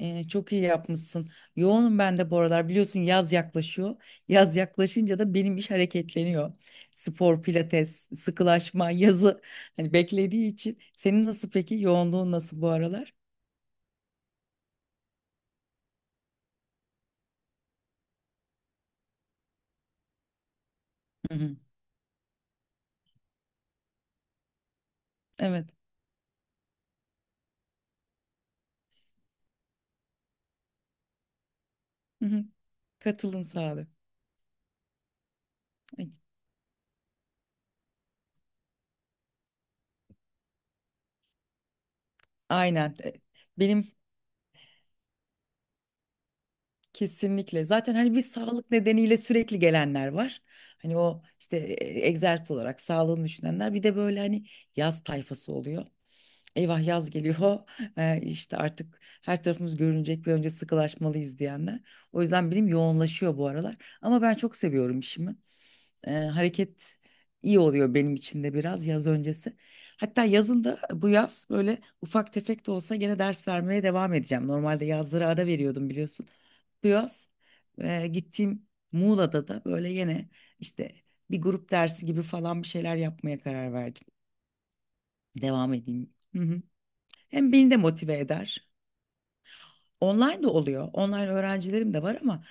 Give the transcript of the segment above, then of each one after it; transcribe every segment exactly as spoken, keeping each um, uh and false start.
Ee, çok iyi yapmışsın. Yoğunum ben de bu aralar. Biliyorsun yaz yaklaşıyor. Yaz yaklaşınca da benim iş hareketleniyor. Spor, pilates, sıkılaşma, yazı hani beklediği için. Senin nasıl peki? Yoğunluğun nasıl bu aralar? Hı hı. Evet. Hı hı. Katılım sağlığı. Ay, aynen. E, Benim kesinlikle. Zaten hani bir sağlık nedeniyle sürekli gelenler var. Hani o işte e, egzersiz olarak sağlığını düşünenler. Bir de böyle hani yaz tayfası oluyor. Eyvah, yaz geliyor. eee, işte artık her tarafımız görünecek, bir önce sıkılaşmalıyız diyenler. O yüzden benim yoğunlaşıyor bu aralar, ama ben çok seviyorum işimi. Eee, hareket iyi oluyor benim için de biraz yaz öncesi. Hatta yazın da bu yaz böyle ufak tefek de olsa gene ders vermeye devam edeceğim. Normalde yazları ara veriyordum, biliyorsun. Bu yaz eee, gittiğim Muğla'da da böyle yine işte bir grup dersi gibi falan bir şeyler yapmaya karar verdim. Devam edeyim. Hı hı. Hem beni de motive eder. Online de oluyor. Online öğrencilerim de var, ama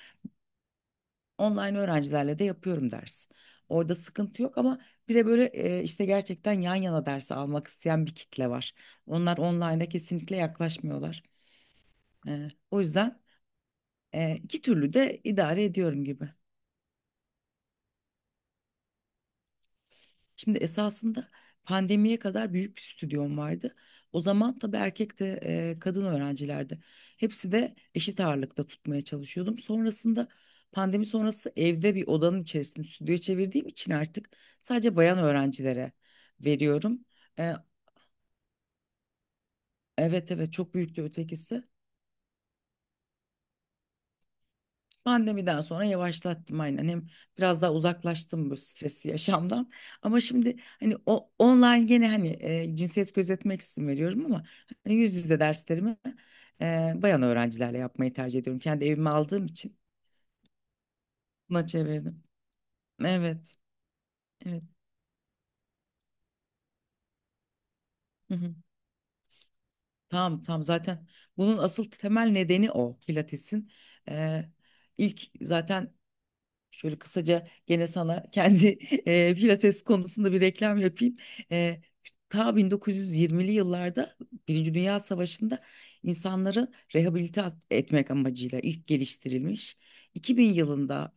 online öğrencilerle de yapıyorum ders. Orada sıkıntı yok, ama bir de böyle e, işte gerçekten yan yana dersi almak isteyen bir kitle var. Onlar online'a kesinlikle yaklaşmıyorlar. E, o yüzden e, iki türlü de idare ediyorum gibi. Şimdi esasında pandemiye kadar büyük bir stüdyom vardı. O zaman tabii erkek de e, kadın öğrencilerdi. Hepsi de eşit ağırlıkta tutmaya çalışıyordum. Sonrasında pandemi sonrası evde bir odanın içerisinde stüdyoya çevirdiğim için artık sadece bayan öğrencilere veriyorum. E, evet evet, çok büyük de ötekisi. Pandemiden sonra yavaşlattım, aynen. Hem biraz daha uzaklaştım bu stresli yaşamdan. Ama şimdi hani o online gene hani e, cinsiyet gözetmek için veriyorum, ama hani yüz yüze derslerimi e, bayan öğrencilerle yapmayı tercih ediyorum. Kendi evime aldığım için buna çevirdim. Evet, evet. Hı hı. Tamam, tamam. Zaten bunun asıl temel nedeni o Pilates'in. E, ilk zaten şöyle kısaca gene sana kendi eee, pilates konusunda bir reklam yapayım. Eee Ta bin dokuz yüz yirmili yıllarda Birinci Dünya Savaşı'nda insanları rehabilite at- etmek amacıyla ilk geliştirilmiş. iki bin yılında,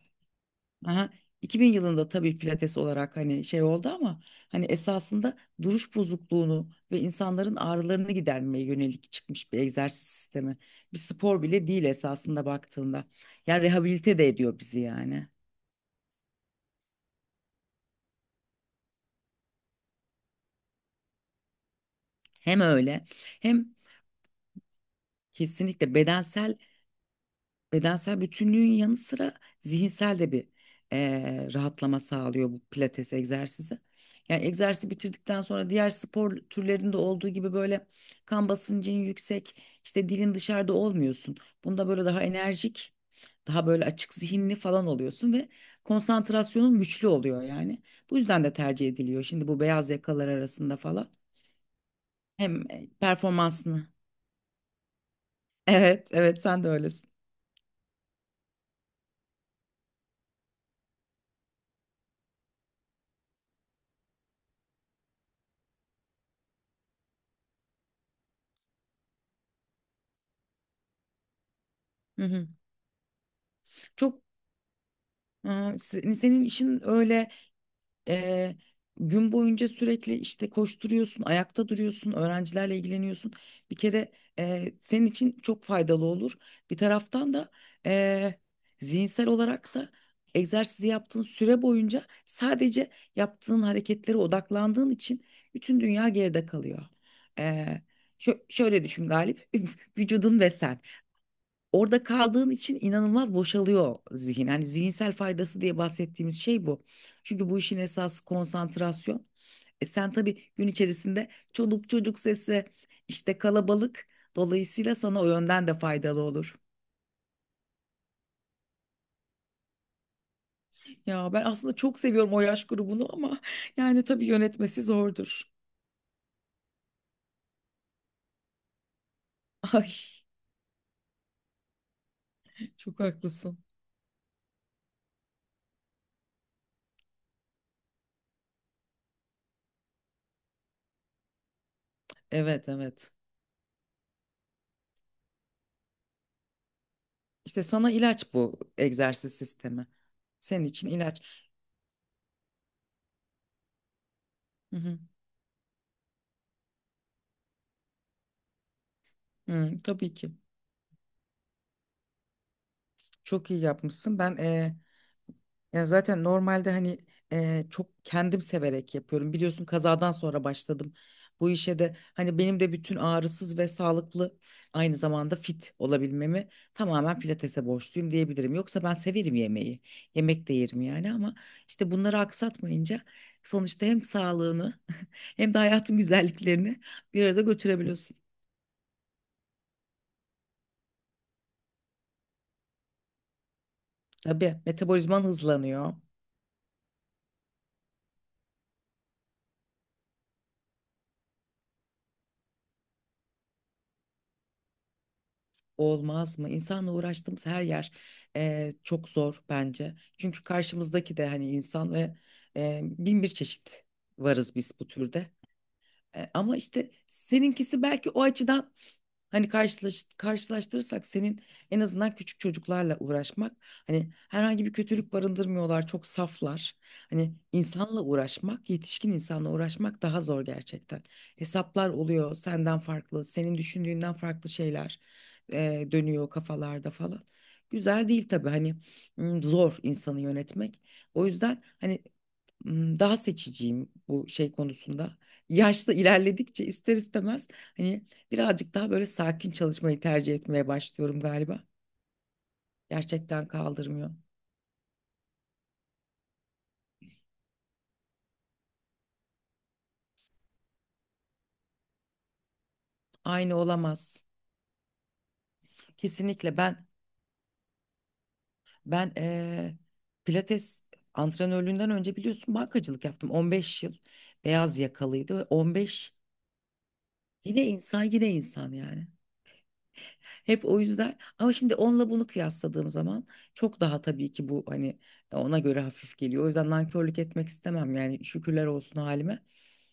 aha, iki bin yılında tabii pilates olarak hani şey oldu, ama hani esasında duruş bozukluğunu ve insanların ağrılarını gidermeye yönelik çıkmış bir egzersiz sistemi. Bir spor bile değil esasında baktığında. Yani rehabilite de ediyor bizi, yani. Hem öyle hem kesinlikle bedensel, bedensel bütünlüğün yanı sıra zihinsel de bir eee, rahatlama sağlıyor bu pilates egzersizi. Yani egzersizi bitirdikten sonra diğer spor türlerinde olduğu gibi böyle kan basıncın yüksek, işte dilin dışarıda olmuyorsun. Bunda böyle daha enerjik, daha böyle açık zihinli falan oluyorsun ve konsantrasyonun güçlü oluyor yani. Bu yüzden de tercih ediliyor. Şimdi bu beyaz yakalar arasında falan hem e, performansını evet, evet, sen de öylesin. Hı hı. Çok e, se- senin işin öyle. Eee, Gün boyunca sürekli işte koşturuyorsun, ayakta duruyorsun, öğrencilerle ilgileniyorsun. Bir kere eee, senin için çok faydalı olur. Bir taraftan da eee, zihinsel olarak da egzersizi yaptığın süre boyunca sadece yaptığın hareketlere odaklandığın için bütün dünya geride kalıyor. Eee, şö- şöyle düşün Galip, vücudun ve sen. Orada kaldığın için inanılmaz boşalıyor zihin. Yani zihinsel faydası diye bahsettiğimiz şey bu. Çünkü bu işin esası konsantrasyon. E sen tabii gün içerisinde çoluk çocuk sesi, işte kalabalık. Dolayısıyla sana o yönden de faydalı olur. Ya ben aslında çok seviyorum o yaş grubunu, ama yani tabii yönetmesi zordur. Ay, çok haklısın. Evet evet. İşte sana ilaç bu egzersiz sistemi. Senin için ilaç. Hı hı. Hı, tabii ki. Çok iyi yapmışsın. Ben e, ya zaten normalde hani e, çok kendim severek yapıyorum. Biliyorsun kazadan sonra başladım bu işe de. Hani benim de bütün ağrısız ve sağlıklı, aynı zamanda fit olabilmemi tamamen pilatese borçluyum diyebilirim. Yoksa ben severim yemeği. Yemek de yerim yani, ama işte bunları aksatmayınca sonuçta hem sağlığını hem de hayatın güzelliklerini bir arada götürebiliyorsun. Tabii metabolizman hızlanıyor. Olmaz mı? İnsanla uğraştığımız her yer eee, çok zor bence. Çünkü karşımızdaki de hani insan ve eee, bin bir çeşit varız biz bu türde. E, ama işte seninkisi belki o açıdan hani karşılaş, karşılaştırırsak senin en azından küçük çocuklarla uğraşmak, hani herhangi bir kötülük barındırmıyorlar, çok saflar. Hani insanla uğraşmak, yetişkin insanla uğraşmak daha zor gerçekten. Hesaplar oluyor senden farklı, senin düşündüğünden farklı şeyler e, dönüyor kafalarda falan. Güzel değil tabii hani, m, zor insanı yönetmek. O yüzden hani m, daha seçiciyim bu şey konusunda. Yaşta ilerledikçe ister istemez hani birazcık daha böyle sakin çalışmayı tercih etmeye başlıyorum galiba. Gerçekten kaldırmıyor. Aynı olamaz. Kesinlikle ben ben eee, pilates antrenörlüğünden önce biliyorsun bankacılık yaptım. on beş yıl beyaz yakalıydı ve on beş yine insan, yine insan yani. Hep o yüzden, ama şimdi onunla bunu kıyasladığım zaman çok daha tabii ki bu hani e, ona göre hafif geliyor. O yüzden nankörlük etmek istemem, yani şükürler olsun halime.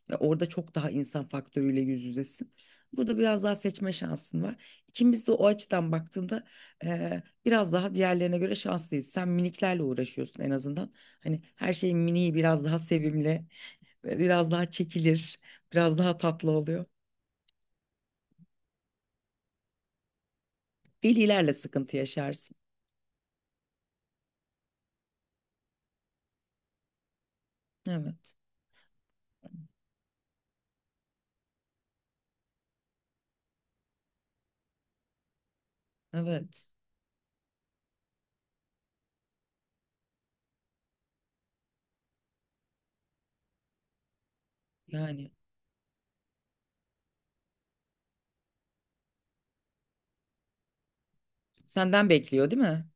Ya orada çok daha insan faktörüyle yüz yüzesin. Burada biraz daha seçme şansın var. İkimiz de o açıdan baktığında eee, biraz daha diğerlerine göre şanslıyız. Sen miniklerle uğraşıyorsun en azından. Hani her şeyin miniği biraz daha sevimli, e, biraz daha çekilir, biraz daha tatlı oluyor. Velilerle sıkıntı yaşarsın. Evet, evet yani. Senden bekliyor değil mi?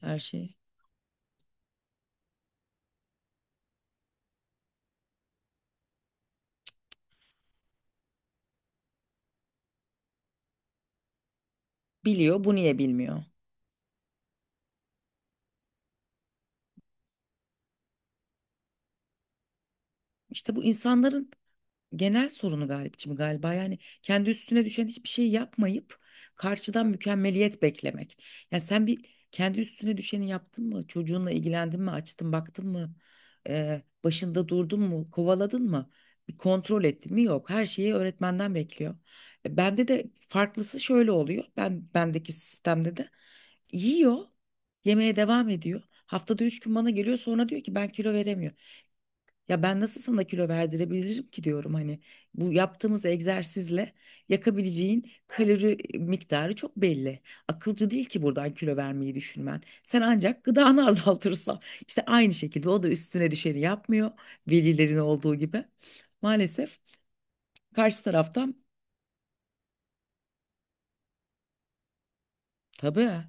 Her şeyi. Biliyor, bu niye bilmiyor? İşte bu insanların genel sorunu Galipçim galiba, yani kendi üstüne düşen hiçbir şey yapmayıp karşıdan mükemmeliyet beklemek. Yani sen bir kendi üstüne düşeni yaptın mı? Çocuğunla ilgilendin mi? Açtın baktın mı? Ee, başında durdun mu? Kovaladın mı? Bir kontrol ettin mi? Yok. Her şeyi öğretmenden bekliyor. E, bende de farklısı şöyle oluyor. Ben bendeki sistemde de yiyor, yemeye devam ediyor. Haftada üç gün bana geliyor sonra diyor ki ben kilo veremiyorum. Ya ben nasıl sana kilo verdirebilirim ki diyorum, hani bu yaptığımız egzersizle yakabileceğin kalori miktarı çok belli. Akılcı değil ki buradan kilo vermeyi düşünmen. Sen ancak gıdanı azaltırsan, işte aynı şekilde o da üstüne düşeni yapmıyor velilerin olduğu gibi. Maalesef karşı taraftan, tabii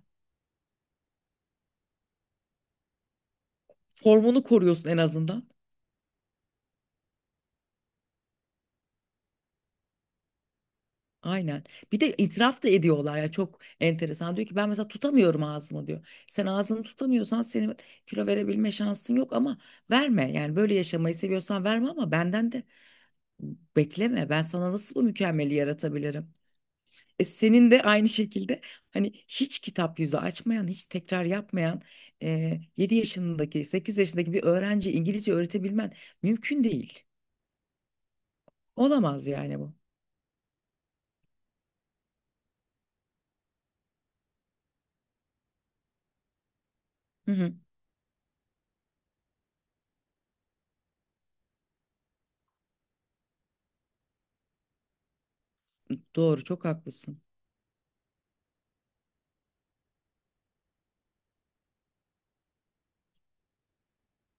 formunu koruyorsun en azından. Aynen. Bir de itiraf da ediyorlar ya, çok enteresan. Diyor ki ben mesela tutamıyorum ağzımı diyor. Sen ağzını tutamıyorsan senin kilo verebilme şansın yok, ama verme. Yani böyle yaşamayı seviyorsan verme, ama benden de bekleme. Ben sana nasıl bu mükemmeli yaratabilirim? E senin de aynı şekilde hani hiç kitap yüzü açmayan, hiç tekrar yapmayan e, yedi yaşındaki, sekiz yaşındaki bir öğrenci İngilizce öğretebilmen mümkün değil. Olamaz yani bu. Hı hı. Doğru, çok haklısın.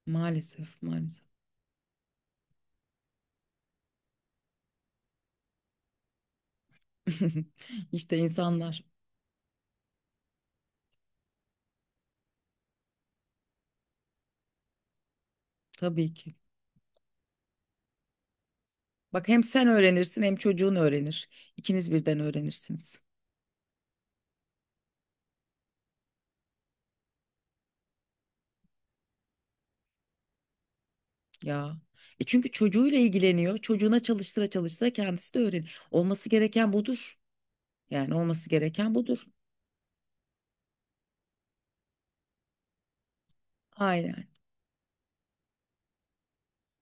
Maalesef, maalesef. İşte insanlar tabii ki. Bak hem sen öğrenirsin hem çocuğun öğrenir. İkiniz birden öğrenirsiniz. Ya. E çünkü çocuğuyla ilgileniyor. Çocuğuna çalıştıra çalıştıra kendisi de öğrenir. Olması gereken budur. Yani olması gereken budur. Aynen.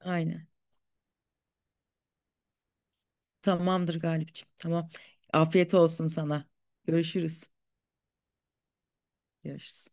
Aynen. Tamamdır Galipciğim. Tamam. Afiyet olsun sana. Görüşürüz. Görüşürüz.